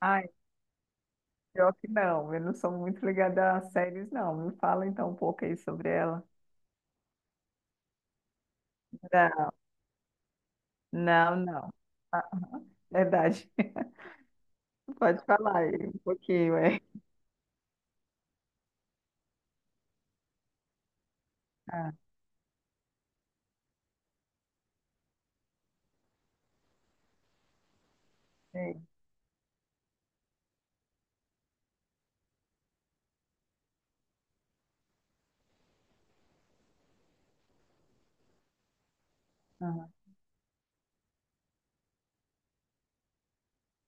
Ai, pior que não, eu não sou muito ligada a séries, não. Me fala então um pouco aí sobre ela. Não, não, não. Verdade. Pode falar aí um pouquinho, é. Ah, sim. Aham.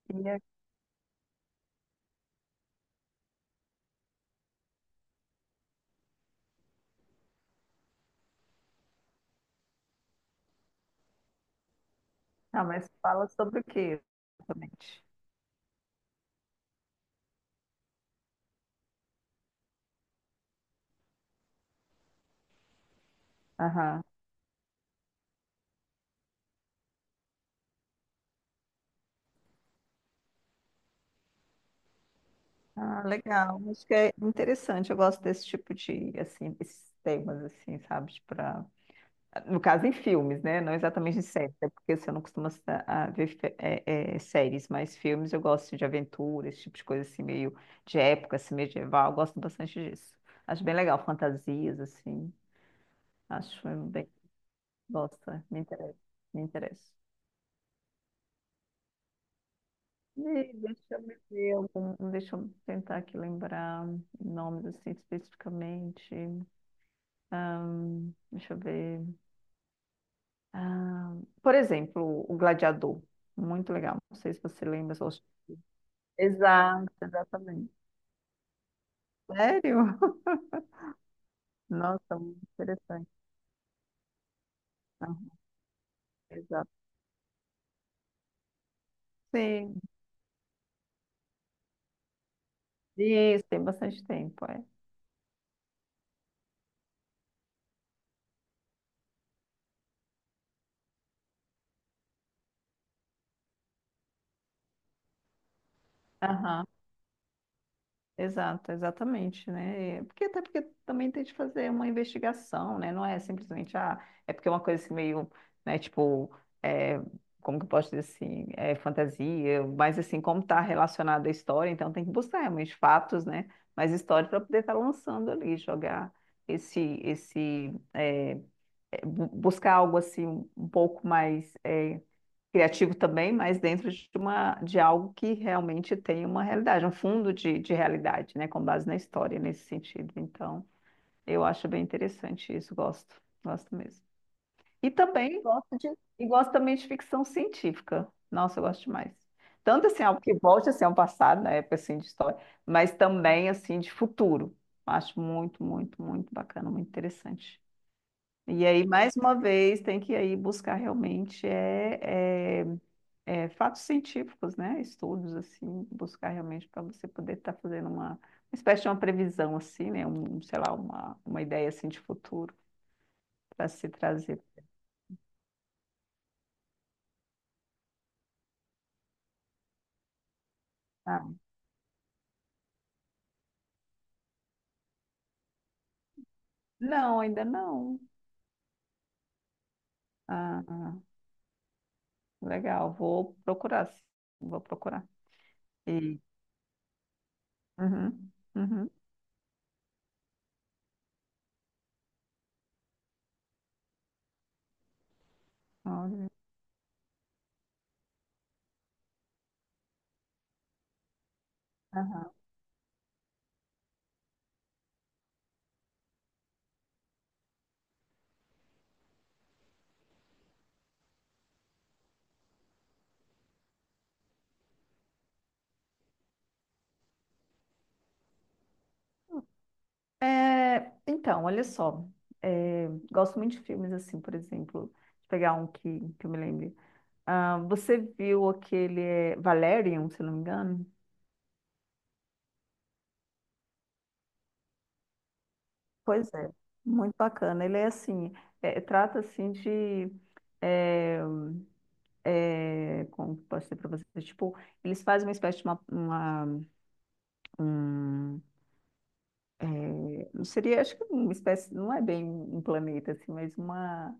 E é- Ah, mas fala sobre o que exatamente? Aham. Ah, legal. Acho que é interessante. Eu gosto desse tipo de, assim, esses temas, assim, sabe? No caso, em filmes, né? Não exatamente em séries, até porque você não costuma a ver séries, mas filmes eu gosto de aventura, esse tipo de coisa assim, meio de época, assim, medieval, eu gosto bastante disso. Acho bem legal, fantasias, assim, acho bem, gosto, me interessa, me interessa. E deixa eu me ver algum, deixa eu tentar aqui lembrar nomes, assim, especificamente. Deixa eu ver. Ah, por exemplo, O Gladiador, muito legal, não sei se você lembra. Exato, exatamente. Sério? Nossa, muito interessante. Aham, exato. Sim, isso, tem bastante tempo, é. Aham, exato, exatamente, né? Porque até porque também tem de fazer uma investigação, né? Não é simplesmente, ah, é porque é uma coisa assim meio, né, tipo, é, como que eu posso dizer assim, é fantasia, mas assim, como está relacionada à história, então tem que buscar realmente fatos, né? Mas história para poder estar lançando ali, jogar esse, esse é, buscar algo assim um pouco mais criativo também, mas dentro de algo que realmente tem uma realidade, um fundo de realidade, né, com base na história nesse sentido. Então, eu acho bem interessante isso, gosto, gosto mesmo. E também gosto de e gosto também de ficção científica. Nossa, eu gosto demais. Tanto assim, algo que volte assim, ao passado, na época assim de história, mas também assim de futuro. Acho muito, muito, muito bacana, muito interessante. E aí, mais uma vez, tem que aí buscar realmente fatos científicos, né? Estudos, assim, buscar realmente para você poder estar fazendo uma espécie de uma previsão, assim, né? Sei lá, uma ideia, assim, de futuro para se trazer. Ah, não, ainda não. Ah, legal, vou procurar, sim. Vou procurar. E, uhum, uhum, olha, aham. É, então, olha só. É, gosto muito de filmes assim, por exemplo. Deixa eu pegar um que eu me lembre. Ah, você viu aquele Valerian, se não me engano? Pois é, muito bacana. Ele é assim, trata assim de é, como que eu posso dizer para vocês? Tipo, eles fazem uma espécie de um, seria, acho que uma espécie, não é bem um planeta assim, mas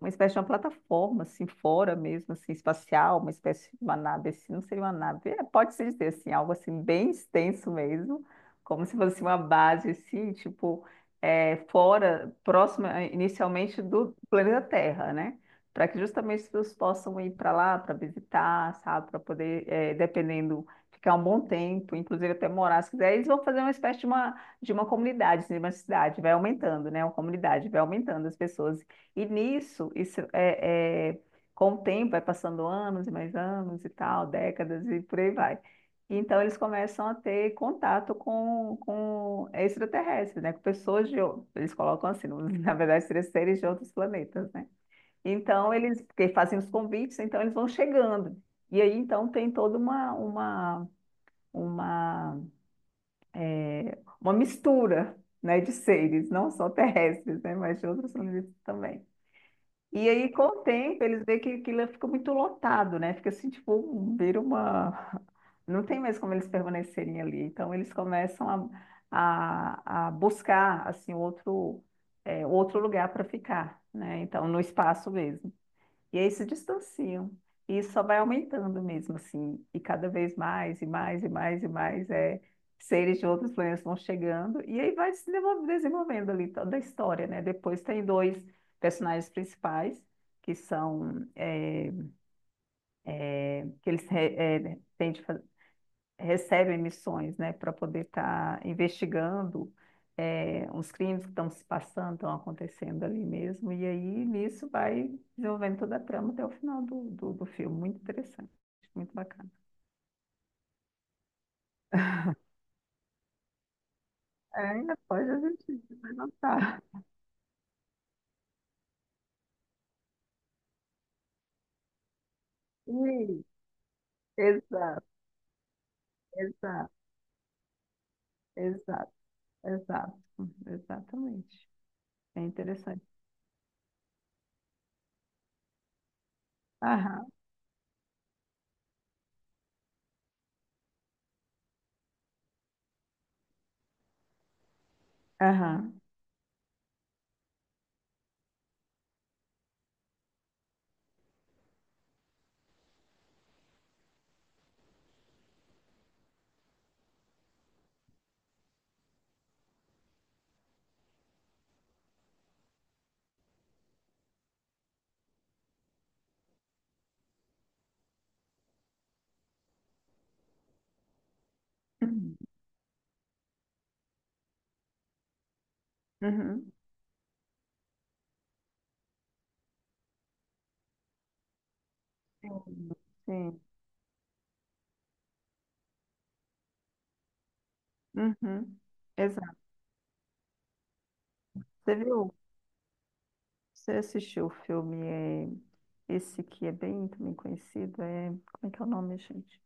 uma espécie de uma plataforma, assim, fora mesmo, assim, espacial, uma espécie de uma nave, assim, não seria uma nave, pode-se dizer, assim, algo, assim, bem extenso mesmo, como se fosse uma base, assim, tipo, fora, próxima, inicialmente, do planeta Terra, né? Para que justamente as pessoas possam ir para lá, para visitar, sabe? Para poder, dependendo, ficar um bom tempo, inclusive até morar, se quiser, eles vão fazer uma espécie de uma comunidade, assim, de uma cidade, vai aumentando, né? Uma comunidade, vai aumentando as pessoas. E nisso, com o tempo, vai passando anos e mais anos e tal, décadas e por aí vai. Então, eles começam a ter contato com extraterrestres, né? Com pessoas de... ou- Eles colocam assim, na verdade, seria seres de outros planetas, né? Então, eles porque fazem os convites, então eles vão chegando. E aí, então, tem toda uma, uma mistura, né, de seres, não só terrestres, né? Mas de outros planetas também. E aí, com o tempo, eles veem que aquilo fica muito lotado, né? Fica assim, tipo, vira uma. Não tem mais como eles permanecerem ali. Então, eles começam a buscar, assim, outro lugar para ficar, né? Então, no espaço mesmo. E aí se distanciam. E isso só vai aumentando mesmo, assim. E cada vez mais, e mais, e mais, e mais, seres de outros planetas vão chegando. E aí vai se desenvolvendo ali toda a história, né? Depois tem dois personagens principais, que são, é, que eles re- é, têm de fa- recebem missões, né, para poder estar investigando uns crimes que estão se passando, estão acontecendo ali mesmo. E aí, nisso, vai desenvolvendo toda a trama até o final do filme. Muito interessante, muito bacana. É, ainda pode assistir, vai notar. Sim, exato, exato, exato, exato, exatamente. É interessante. Aham, aham. Uhum, uhum, Sim. Sim, uhum, exato. Você viu? Você assistiu o filme, esse que é bem também conhecido, como é que é o nome, gente?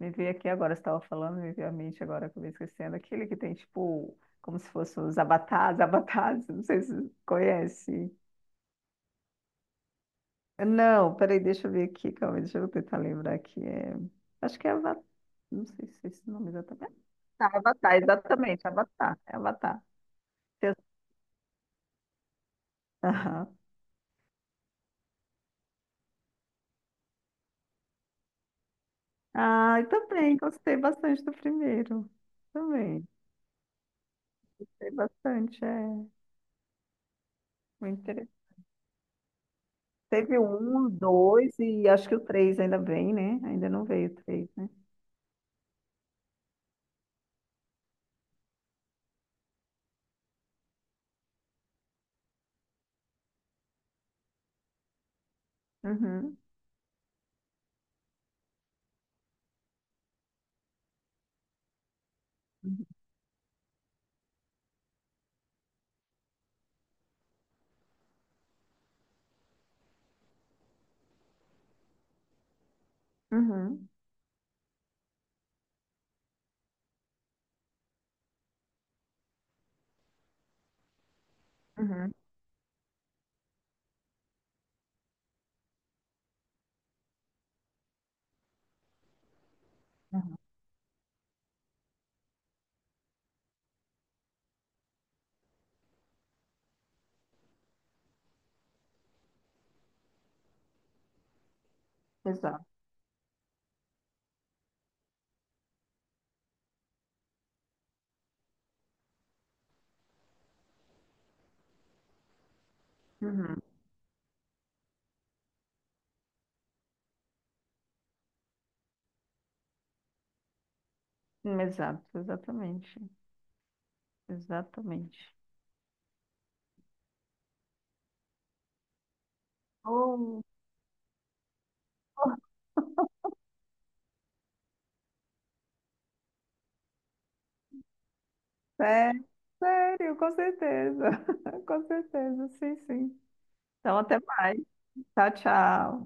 Me veio aqui agora, você estava falando, me veio à mente agora, acabei esquecendo, aquele que tem, tipo, como se fossem os avatares, avatares, não sei se você conhece. Não, peraí, deixa eu ver aqui, calma, deixa eu tentar lembrar aqui, acho que é Avatar, não sei se é esse nome exatamente. Tá, Avatar, exatamente, Avatar, é Avatar. Eu- Aham. Ah, eu também, gostei bastante do primeiro, também. Tem bastante, é. Muito interessante. Teve um, dois e acho que o três ainda vem, né? Ainda não veio o três, né? Uhum. Uhum. Uhum. Uhum. Exato. Uhum. Exato, exatamente. Exatamente. Oh, sé- sério, com certeza. Com certeza, sim, sim. Então, até mais. Tchau, tchau.